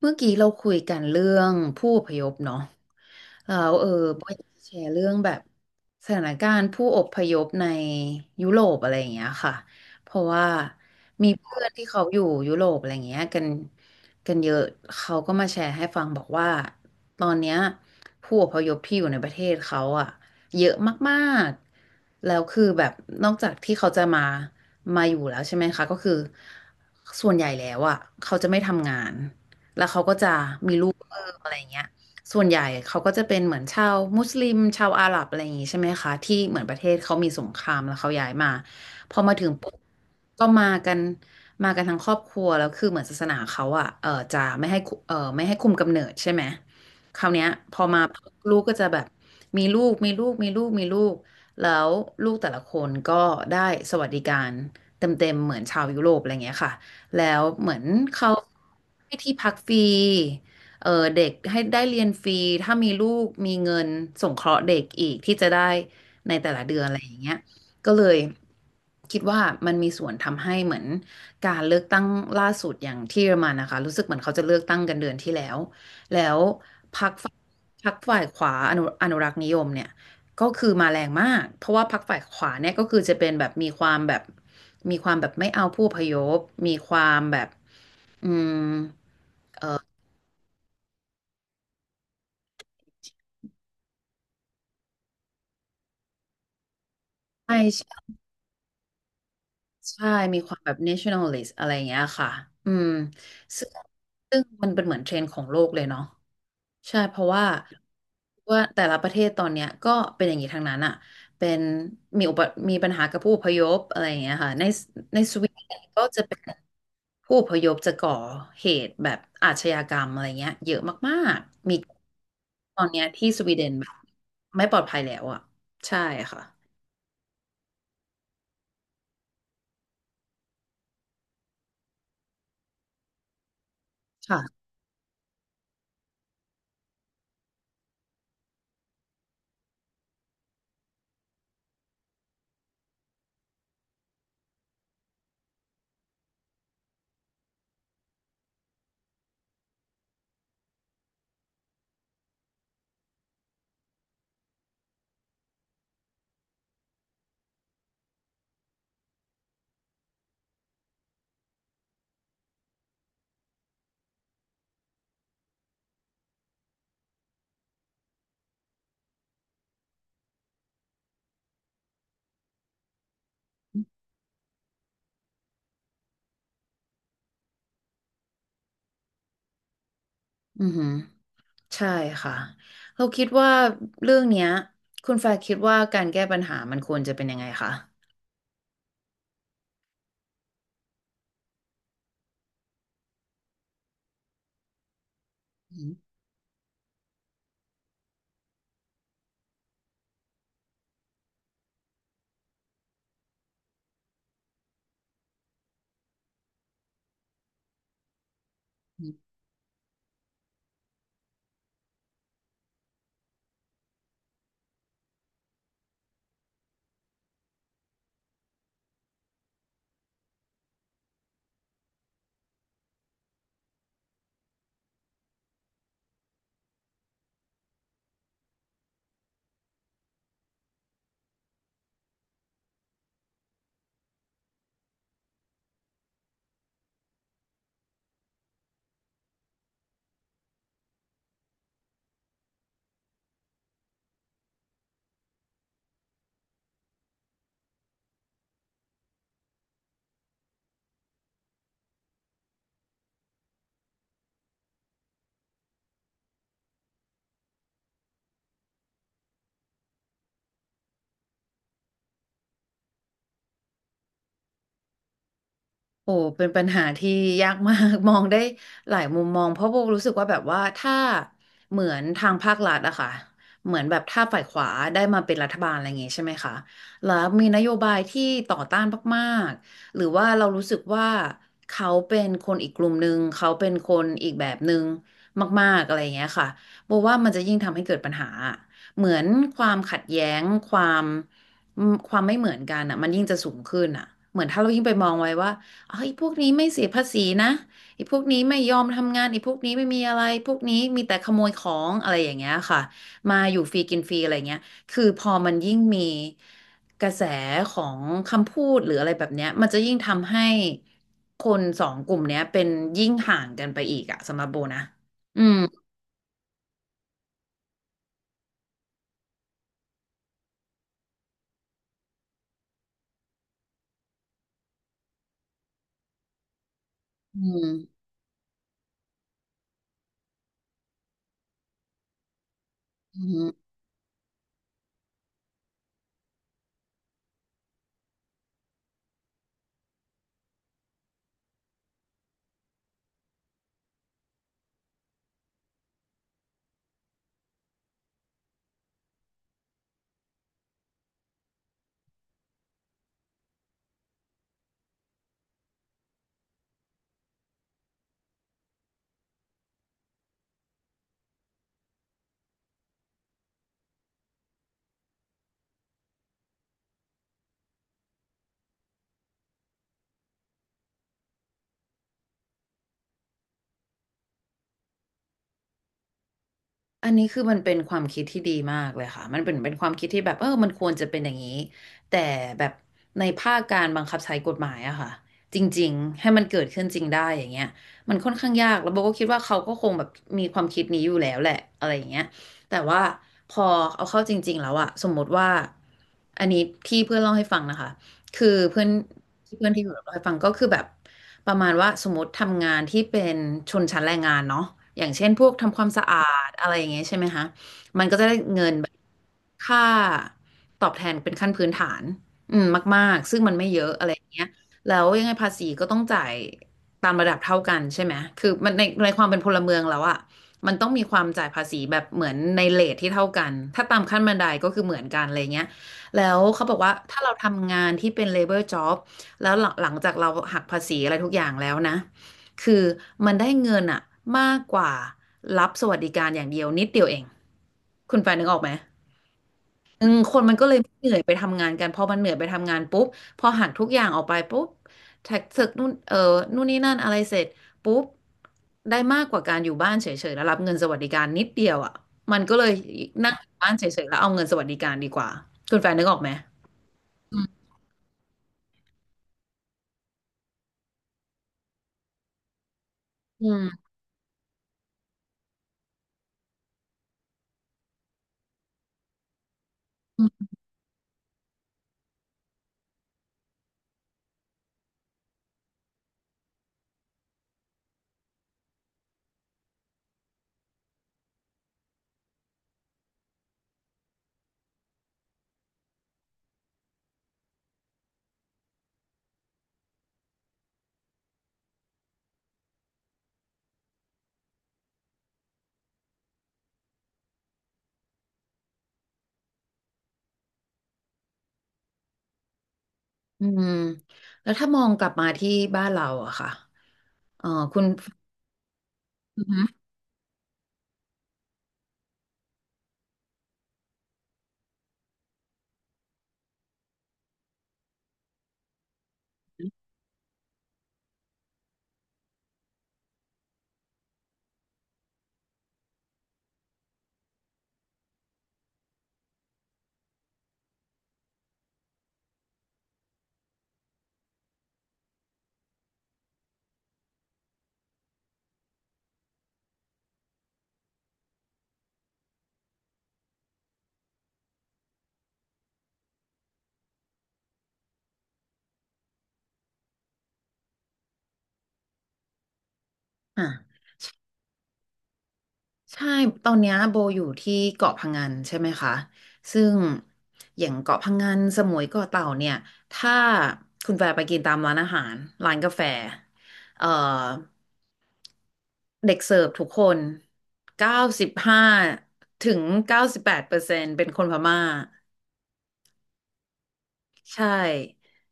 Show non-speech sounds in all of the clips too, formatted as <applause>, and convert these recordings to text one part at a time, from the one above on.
เมื่อกี้เราคุยกันเรื่องผู้อพยพเนาะแล้วเอออบอยากจะแชร์เรื่องแบบสถานการณ์ผู้อพยพในยุโรปอะไรอย่างเงี้ยค่ะเพราะว่ามีเพื่อนที่เขาอยู่ยุโรปอะไรอย่างเงี้ยกันเยอะเขาก็มาแชร์ให้ฟังบอกว่าตอนเนี้ยผู้อพยพที่อยู่ในประเทศเขาอะเยอะมากๆแล้วคือแบบนอกจากที่เขาจะมาอยู่แล้วใช่ไหมคะก็คือส่วนใหญ่แล้วอะเขาจะไม่ทำงาน แล้วเขาก็จะมีลูกเพิ่มอะไรอย่างเงี้ยส่วนใหญ่เขาก็จะเป็นเหมือนชาวมุสลิมชาวอาหรับอะไรอย่างงี้ใช่ไหมคะที่เหมือนประเทศเขามีสงครามแล้วเขาย้ายมาพอมาถึงปุ๊บก็มากันมากันทั้งครอบครัวแล้วคือเหมือนศาสนาเขาอ่ะเออจะไม่ให้คุมกำเนิดใช่ไหมคราวเนี้ยพอมาลูกก็จะแบบมีลูกมีลูกมีลูกมีลูกแล้วลูกแต่ละคนก็ได้สวัสดิการเต็มๆเหมือนชาวยุโรปอะไรอย่างเงี้ยค่ะ แล้วเหมือนเขาให้ที่พักฟรีเออเด็กให้ได้เรียนฟรีถ้ามีลูกมีเงินสงเคราะห์เด็กอีกที่จะได้ในแต่ละเดือนอะไรอย่างเงี้ยก็เลยคิดว่ามันมีส่วนทำให้เหมือนการเลือกตั้งล่าสุดอย่างที่เยอรมันนะคะรู้สึกเหมือนเขาจะเลือกตั้งกันเดือนที่แล้วแล้วพรรคฝ่ายพรรคฝ่ายขวาอนุรักษ์นิยมเนี่ย ก็คือมาแรงมาก เพราะว่าพรรคฝ่ายขวาเนี่ยก็คือจะเป็นแบบมีความแบบไม่เอาผู้อพยพมีความแบบอืมใช่ใช่ใช่มีความแบบ nationalist อะไรอย่างเงี้ยค่ะ อืมซึ่งซึ่งมันเป็นเหมือนเทรนด์ของโลกเลยเนาะ ใช่เพราะว่าว่าแต่ละประเทศตอนเนี้ยก็เป็นอย่างนี้ทางนั้นอ่ะเป็นมีอุปมีปัญหากับผู้อพยพอะไรอย่างเงี้ยค่ะในสวีเดนก็จะเป็นผู้อพยพจะก่อเหตุแบบอาชญากรรมอะไรเงี้ยเยอะมากๆมีตอนเนี้ยที่สวีเดนแบบไม่ปลอดภัยแล้วอ่ะใช่ค่ะค่ะอือหือใช่ค่ะเราคิดว่าเรื่องเนี้ยคุณแฟร์คิดว่าการแก้ปัญหามันควรจะเป็นยังไงคะ โอ้เป็นปัญหาที่ยากมาก <laughs> มองได้หลายมุมมองเพราะโบรู้สึกว่าแบบว่าถ้าเหมือนทางภาครัฐอะค่ะเหมือนแบบถ้าฝ่ายขวาได้มาเป็นรัฐบาลอะไรอย่างงี้ใช่ไหมคะแล้วมีนโยบายที่ต่อต้านมากๆหรือว่าเรารู้สึกว่าเขาเป็นคนอีกกลุ่มหนึ่งเขาเป็นคนอีกแบบหนึ่งมากๆอะไรอย่างเงี้ยค่ะโบว่ามันจะยิ่งทำให้เกิดปัญหาเหมือนความขัดแย้งความความไม่เหมือนกันอ่ะมันยิ่งจะสูงขึ้นอ่ะเหมือนถ้าเรายิ่งไปมองไว้ว่า ไอ้พวกนี้ไม่เสียภาษีนะไอ้พวกนี้ไม่ยอมทำงานไอ้พวกนี้ไม่มีอะไรพวกนี้มีแต่ขโมยของอะไรอย่างเงี้ยค่ะมาอยู่ฟรีกินฟรีอะไรเงี้ยคือพอมันยิ่งมีกระแสของคำพูดหรืออะไรแบบเนี้ยมันจะยิ่งทำให้คนสองกลุ่มเนี้ยเป็นยิ่งห่างกันไปอีกอะสำหรับโบนะอืมอืมอืม อันนี้คือมันเป็นความคิดที่ดีมากเลยค่ะมันเป็นความคิดที่แบบเออมันควรจะเป็นอย่างนี้แต่แบบในภาคการบังคับใช้กฎหมายอะค่ะจริงๆ ให้มันเกิดขึ้นจริงได้อย่างเงี้ยมันค่อนข้างยากแล้วโบก็คิดว่าเขาก็คงแบบมีความคิดนี้อยู่แล้วแหละอะไรอย่างเงี้ยแต่ว่าพอเอาเข้าจริงๆแล้วอะสมมติว่าอันนี้ที่เพื่อนเล่าให้ฟังนะคะคือเพื่อนที่เพื่อนที่อยู่เล่าให้ฟังก็คือแบบ ประมาณว่าสมมติทำงานที่เป็นชนชั้นแรงงานเนาะอย่างเช่นพวกทำความสะอาดอะไรอย่างเงี้ยใช่ไหมคะมันก็จะได้เงินแบบค่าตอบแทนเป็นขั้นพื้นฐานอืมมากๆซึ่งมันไม่เยอะอะไรอย่างเงี้ยแล้วยังไงภาษีก็ต้องจ่ายตามระดับเท่ากันใช่ไหมคือมันในความเป็นพลเมืองแล้วอะมันต้องมีความจ่ายภาษีแบบเหมือนในเรทที่เท่ากันถ้าตามขั้นบันไดก็คือเหมือนกันอะไรเงี้ยแล้วเขาบอกว่าถ้าเราทำงานที่เป็น labor job แล้วหลังจากเราหักภาษีอะไรทุกอย่างแล้วนะคือมันได้เงินอะมากกว่ารับสวัสดิการอย่างเดียวนิดเดียวเองคุณแฟนนึกออกไหมอืมคนมันก็เลยไม่เหนื่อยไปทำงานกัน พอมันเหนื่อยไปทำงานปุ๊บพอหักทุกอย่างออกไปปุ๊บแท็กเสร็จนู่นนู่นนี่นั่นอะไรเสร็จปุ๊บได้มากกว่าการอยู่บ้านเฉยๆแล้วรับเงินสวัสดิการนิดเดียวอ่ะมันก็เลยนั่งอยู่บ้านเฉยๆแล้วเอาเงินสวัสดิการดีกว่าคุณแฟนนึกออกไหมอืม อืมแล้วถ้ามองกลับมาที่บ้านเราอะค่ะเออคุณอือฮึอ่ะใช่ตอนเนี้ยโบอยู่ที่เกาะพังงันใช่ไหมคะซึ่งอย่างเกาะพังงันสมุยเกาะเต่าเนี่ยถ้าคุณแฟร์ไปกินตามร้านอาหารร้านกาแฟเอ่อเด็กเสิร์ฟทุกคน95-98%เป็นคนพม่า ใช่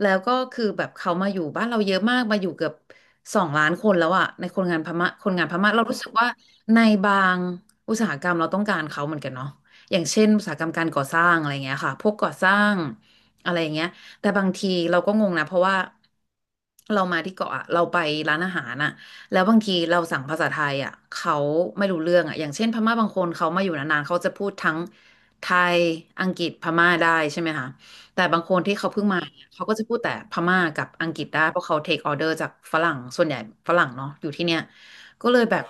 แล้วก็คือแบบเขามาอยู่บ้านเราเยอะมากมาอยู่เกือบ2 ล้านคนแล้วอะในคนงานพม่าคนงานพม่าเรารู้สึกว่าในบางอุตสาหกรรมเราต้องการเขาเหมือนกันเนาะอย่างเช่นอุตสาหกรรมการก่อสร้างอะไรเงี้ยค่ะพวกก่อสร้างอะไรเงี้ยแต่บางทีเราก็งงนะเพราะว่าเรามาที่เกาะอะเราไปร้านอาหารอะแล้วบางทีเราสั่งภาษาไทยอะเขาไม่รู้เรื่องอะอย่างเช่นพม่าบางคนเขามาอยู่นานๆเขาจะพูดทั้งไทยอังกฤษพม่าได้ใช่ไหมคะ แต่บางคนที่เขาเพิ่งมาเนี่ยเขาก็จะพูดแต่พม่ากับอังกฤษได้เพราะเขาเทคออเดอร์จากฝรั่งส่วนใหญ่ฝรั่งเนาะอยู่ที่เนี่ยก็เลยแบบ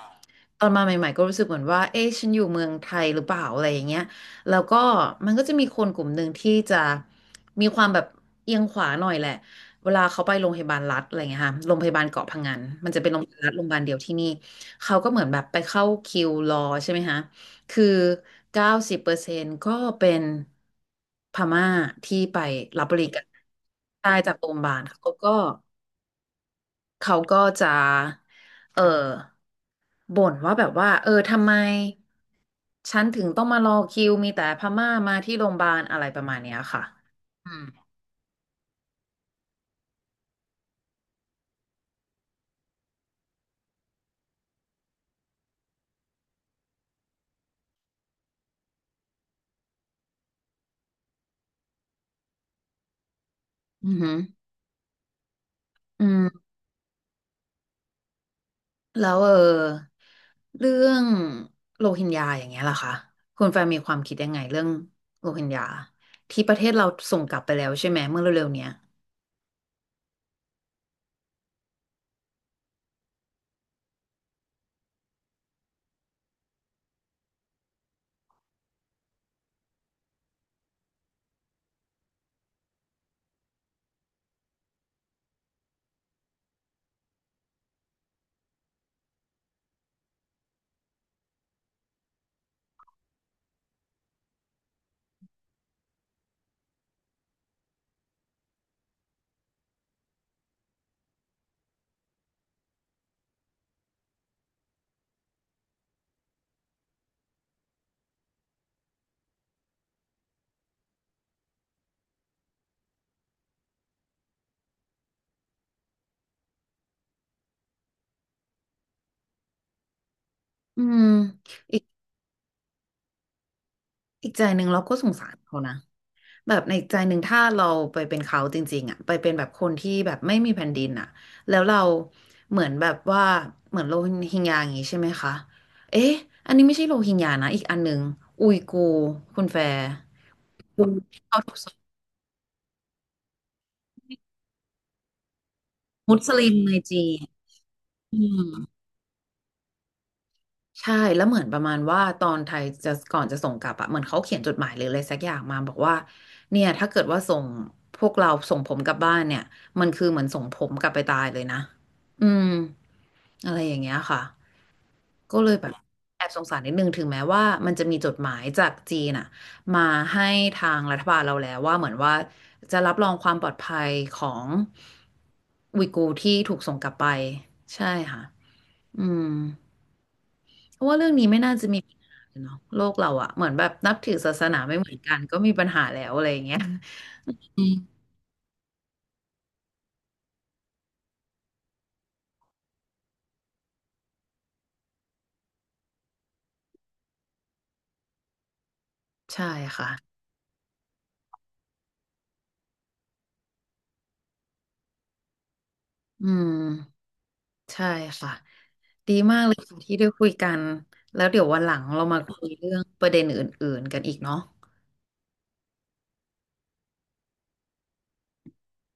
ตอนมาใหม่ๆก็รู้สึกเหมือนว่าเอ๊ะฉันอยู่เมืองไทยหรือเปล่าอะไรอย่างเงี้ยแล้วก็มันก็จะมีคนกลุ่มหนึ่งที่จะมีความแบบเอียงขวาหน่อยแหละเวลาเขาไปโรงพยาบาลรัฐอะไรเงี้ยค่ะโรงพยาบาลเกาะพะงันมันจะเป็นโรงพยาบาลรัฐโรงพยาบาลเดียวที่นี่เขาก็เหมือนแบบไปเข้าคิวรอใช่ไหมคะ คือ90%ก็เป็นพม่าที่ไปรับบริการได้จากโรงพยาบาลเขาก็จะเออบ่นว่าแบบว่าเออทำไมฉันถึงต้องมารอคิวมีแต่พม่ามาที่โรงพยาบาลอะไรประมาณเนี้ยค่ะอืมอือหืออืม แล้วเออเรื่องโรฮิงญาอย่างเงี้ยล่ะคะคุณแฟนมีความคิดยังไงเรื่องโรฮิงญาที่ประเทศเราส่งกลับไปแล้วใช่ไหมเมื่อเร็วๆเนี้ยอืมอีกอีกใจหนึ่งเราก็สงสารเขานะแบบในอีกใจหนึ่งถ้าเราไปเป็นเขาจริงๆอ่ะไปเป็นแบบคนที่แบบไม่มีแผ่นดินอ่ะแล้วเราเหมือนแบบว่าเหมือนโรฮิงญาอย่างงี้ใช่ไหมคะเอ๊ะอันนี้ไม่ใช่โรฮิงญานะอีกอันหนึ่งอุยกูร์คุณแฟร์คือเขาถูกสมุสลิมในจีน อืมใช่แล้วเหมือนประมาณว่าตอนไทยจะก่อนจะส่งกลับอะเหมือนเขาเขียนจดหมายหรืออะไรสักอย่างมาบอกว่าเนี่ยถ้าเกิดว่าส่งพวกเราส่งผมกลับบ้านเนี่ยมันคือเหมือนส่งผมกลับไปตายเลยนะอืมอะไรอย่างเงี้ยค่ะก็เลยแบบแอบสงสารนิดนึงถึงแม้ว่ามันจะมีจดหมายจากจีนอะมาให้ทางรัฐบาลเราแล้วว่าเหมือนว่าจะรับรองความปลอดภัยของอุยกูร์ที่ถูกส่งกลับไปใช่ค่ะอืม เพราะว่าเรื่องนี้ไม่น่าจะมีปัญหาเนาะโลกเราอะเหมือนแบบนับถือศาสนาไม่เหมือนกันก็มีปัญหาแล้วอะไรอย่างเงี้ยอืมใช่ค่ะอืมใช่ค่ะดีมากเลยค่ะที่ได้คุยกันแล้วเดี๋ยววันหลังเรามาคุยเรื่องประเด็นอื่นๆกันอีกเนาะ